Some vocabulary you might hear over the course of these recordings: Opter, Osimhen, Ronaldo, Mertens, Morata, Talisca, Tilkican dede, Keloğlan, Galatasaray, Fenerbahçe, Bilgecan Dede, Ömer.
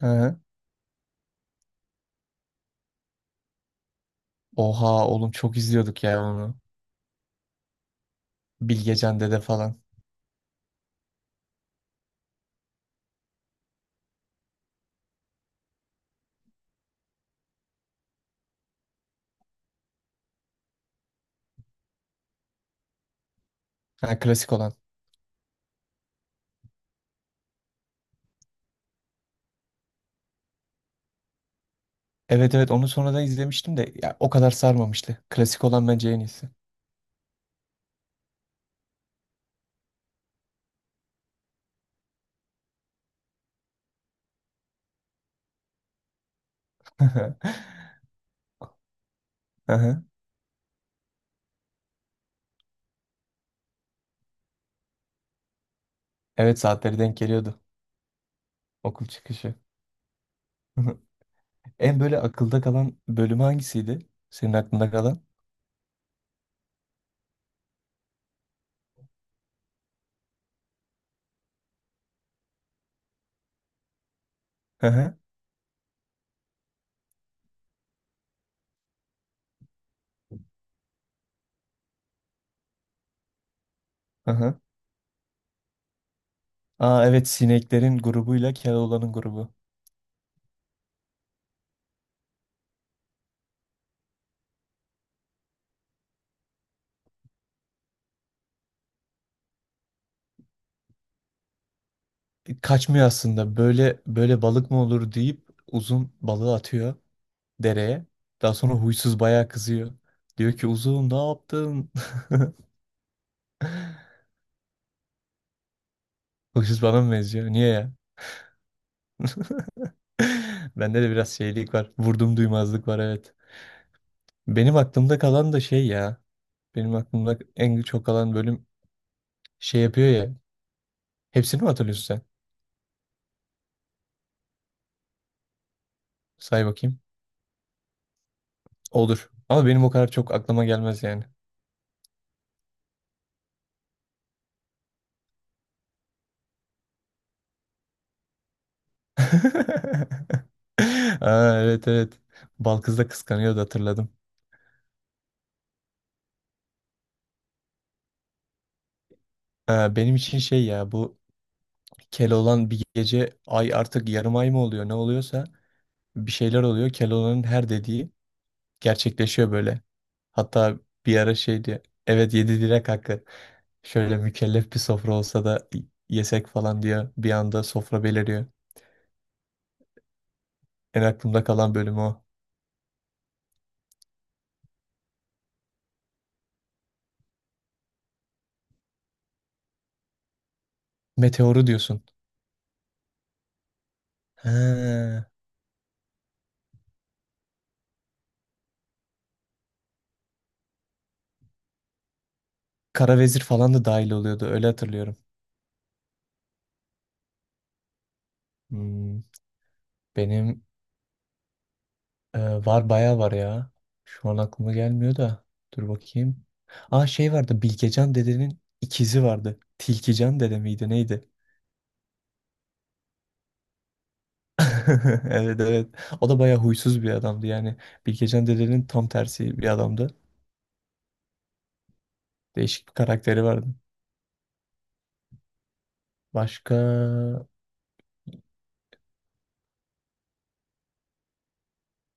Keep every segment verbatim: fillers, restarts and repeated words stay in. He. Oha oğlum çok izliyorduk ya onu. Bilgecan Dede falan. Ha, klasik olan. Evet evet onu sonradan izlemiştim de ya, o kadar sarmamıştı. Klasik olan bence en iyisi. Aha. Evet saatleri denk geliyordu. Okul çıkışı. En böyle akılda kalan bölümü hangisiydi? Senin aklında kalan? Aha. Aha. Aa evet sineklerin grubuyla Keloğlan'ın grubu. E, Kaçmıyor aslında. Böyle böyle balık mı olur deyip uzun balığı atıyor dereye. Daha sonra huysuz bayağı kızıyor. Diyor ki uzun ne yaptın? Huysuz bana mı benziyor? Niye ya? Bende de biraz şeylik var. Vurdum duymazlık var evet. Benim aklımda kalan da şey ya. Benim aklımda en çok kalan bölüm şey yapıyor ya. Hepsini mi hatırlıyorsun sen? Say bakayım. Olur. Ama benim o kadar çok aklıma gelmez yani. Aa, evet evet. Balkız da kıskanıyordu, hatırladım. Ha, benim için şey ya, bu Keloğlan bir gece ay artık yarım ay mı oluyor ne oluyorsa bir şeyler oluyor. Keloğlan'ın her dediği gerçekleşiyor böyle. Hatta bir ara şey diyor. Evet, yedi direk hakkı. Şöyle mükellef bir sofra olsa da yesek falan diyor. Bir anda sofra beliriyor. En aklımda kalan bölüm o. Meteoru diyorsun. He. Kara vezir falan da dahil oluyordu. Öyle hatırlıyorum. Hmm, benim e, var bayağı var ya. Şu an aklıma gelmiyor da. Dur bakayım. Aa şey vardı. Bilgecan dedenin ikizi vardı. Tilkican dede miydi neydi? Evet evet. O da bayağı huysuz bir adamdı yani. Bilgecan dedenin tam tersi bir adamdı. Değişik bir karakteri vardı. Başka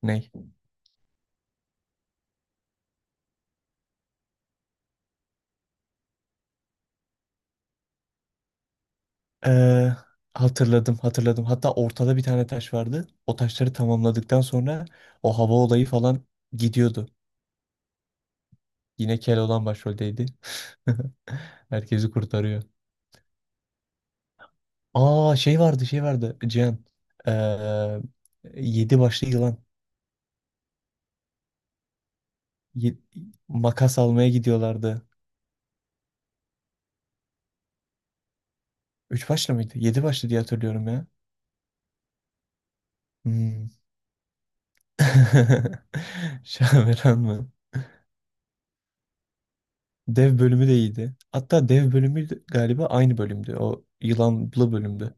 ne? Ee, Hatırladım hatırladım. Hatta ortada bir tane taş vardı. O taşları tamamladıktan sonra o hava olayı falan gidiyordu. Yine Keloğlan başroldeydi. Herkesi kurtarıyor. Aa şey vardı şey vardı Cihan. Ee, Yedi başlı yılan. Ye- Makas almaya gidiyorlardı. Üç başlı mıydı? Yedi başlı diye hatırlıyorum ya. Hmm. Şaveran mı? Dev bölümü de iyiydi. Hatta dev bölümü de- galiba aynı bölümdü. O yılanlı bölümdü.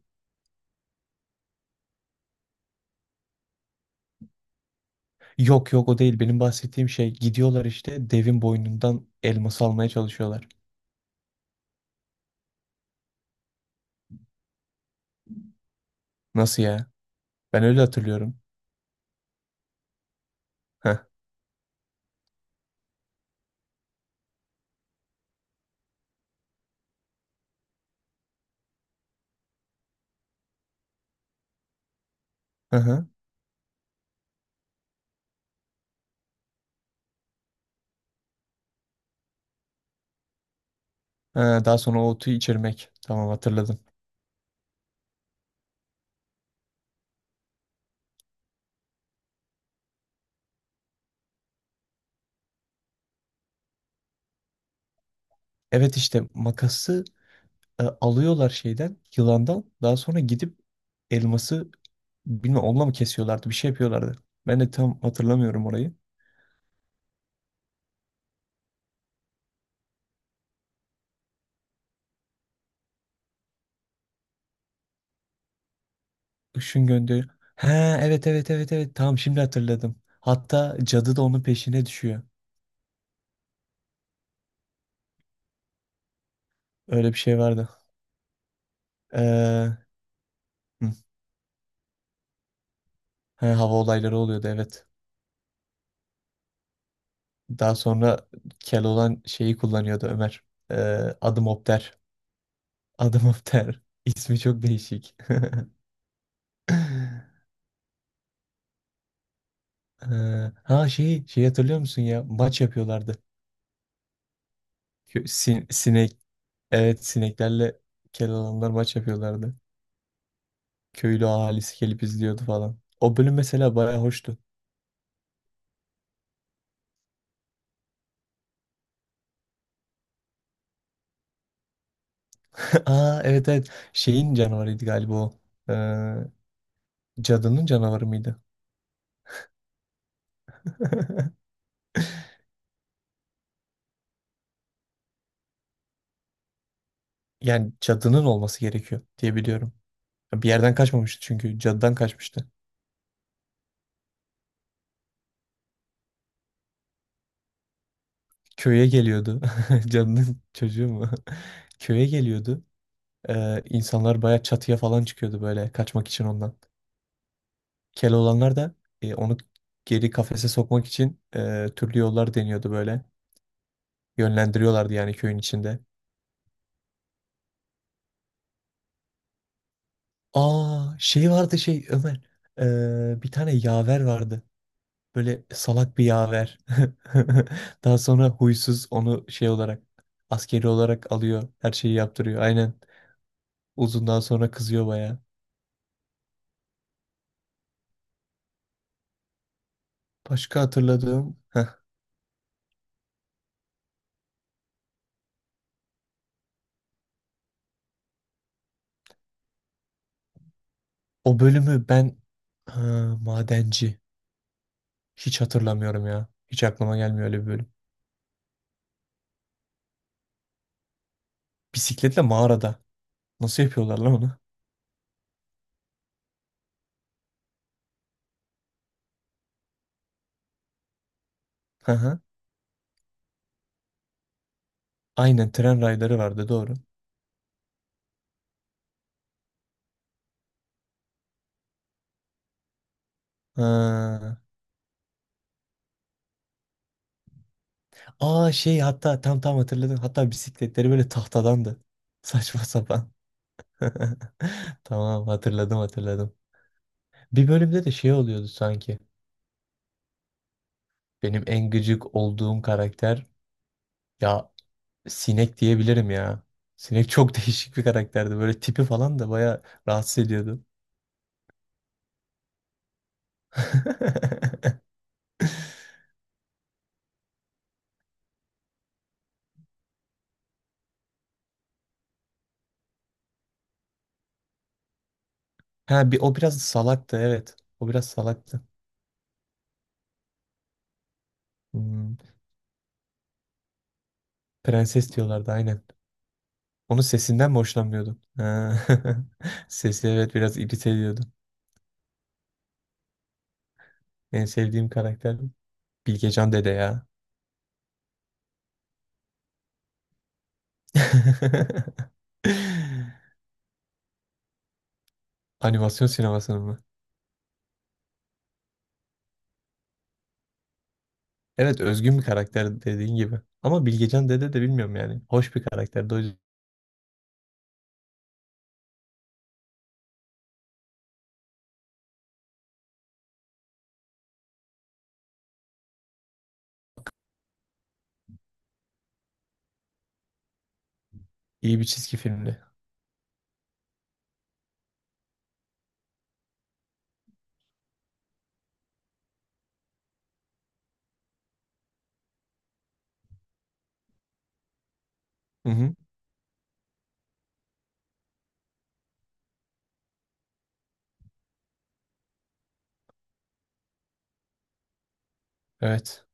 Yok yok o değil. Benim bahsettiğim şey, gidiyorlar işte devin boynundan elması almaya çalışıyorlar. Nasıl ya? Ben öyle hatırlıyorum. Heh. Hı hı. Ha, daha sonra o otu içirmek. Tamam, hatırladım. Evet işte makası e, alıyorlar şeyden yılandan, daha sonra gidip elması bilmem onunla mı kesiyorlardı bir şey yapıyorlardı. Ben de tam hatırlamıyorum orayı. Işın gönderiyor. He evet evet evet evet tamam şimdi hatırladım. Hatta cadı da onun peşine düşüyor. Öyle bir şey vardı. Ee, hı, he, hava olayları oluyordu evet. Daha sonra Keloğlan şeyi kullanıyordu Ömer. Ee, adım Opter. Adım Opter. İsmi çok değişik. Ee, ha şeyi şey hatırlıyor musun ya, maç yapıyorlardı. Kö- sin- sinek evet, sineklerle kel alanlar maç yapıyorlardı. Köylü ahalisi gelip izliyordu falan. O bölüm mesela bayağı hoştu. Aa evet evet şeyin canavarıydı galiba o. Ee, cadının canavarı mıydı? Yani cadının olması gerekiyor diye biliyorum. Bir yerden kaçmamıştı çünkü cadıdan kaçmıştı. Köye geliyordu. Cadının çocuğu mu? Köye geliyordu. Ee, insanlar baya çatıya falan çıkıyordu böyle, kaçmak için ondan. Keloğlanlar da e, onu geri kafese sokmak için e, türlü yollar deniyordu böyle. Yönlendiriyorlardı yani köyün içinde. Aa şey vardı şey Ömer. Ee, bir tane yaver vardı. Böyle salak bir yaver. Daha sonra huysuz onu şey olarak, askeri olarak alıyor. Her şeyi yaptırıyor. Aynen. Uzundan sonra kızıyor baya. Başka hatırladığım heh, o bölümü ben ha, madenci. Hiç hatırlamıyorum ya. Hiç aklıma gelmiyor öyle bir bölüm. Bisikletle mağarada. Nasıl yapıyorlar lan onu? Hı hı. Aynen, tren rayları vardı doğru. Ha. Aa şey, hatta tam tam hatırladım. Hatta bisikletleri böyle tahtadandı. Saçma sapan. Tamam hatırladım hatırladım. Bir bölümde de şey oluyordu sanki. Benim en gıcık olduğum karakter ya, sinek diyebilirim ya. Sinek çok değişik bir karakterdi. Böyle tipi falan da bayağı rahatsız ediyordu. Ha bir o biraz salaktı evet. O biraz salaktı. Hmm, prenses diyorlardı aynen. Onun sesinden mi hoşlanmıyordun? Ha. Sesi evet biraz irite ediyordu. En sevdiğim karakter Bilgecan Dede ya. Animasyon sinemasının mı? Evet, özgün bir karakter dediğin gibi. Ama Bilgecan Dede de bilmiyorum yani. Hoş bir karakterdi. O yüzden iyi bir çizgi filmdi. Hı hı. Evet.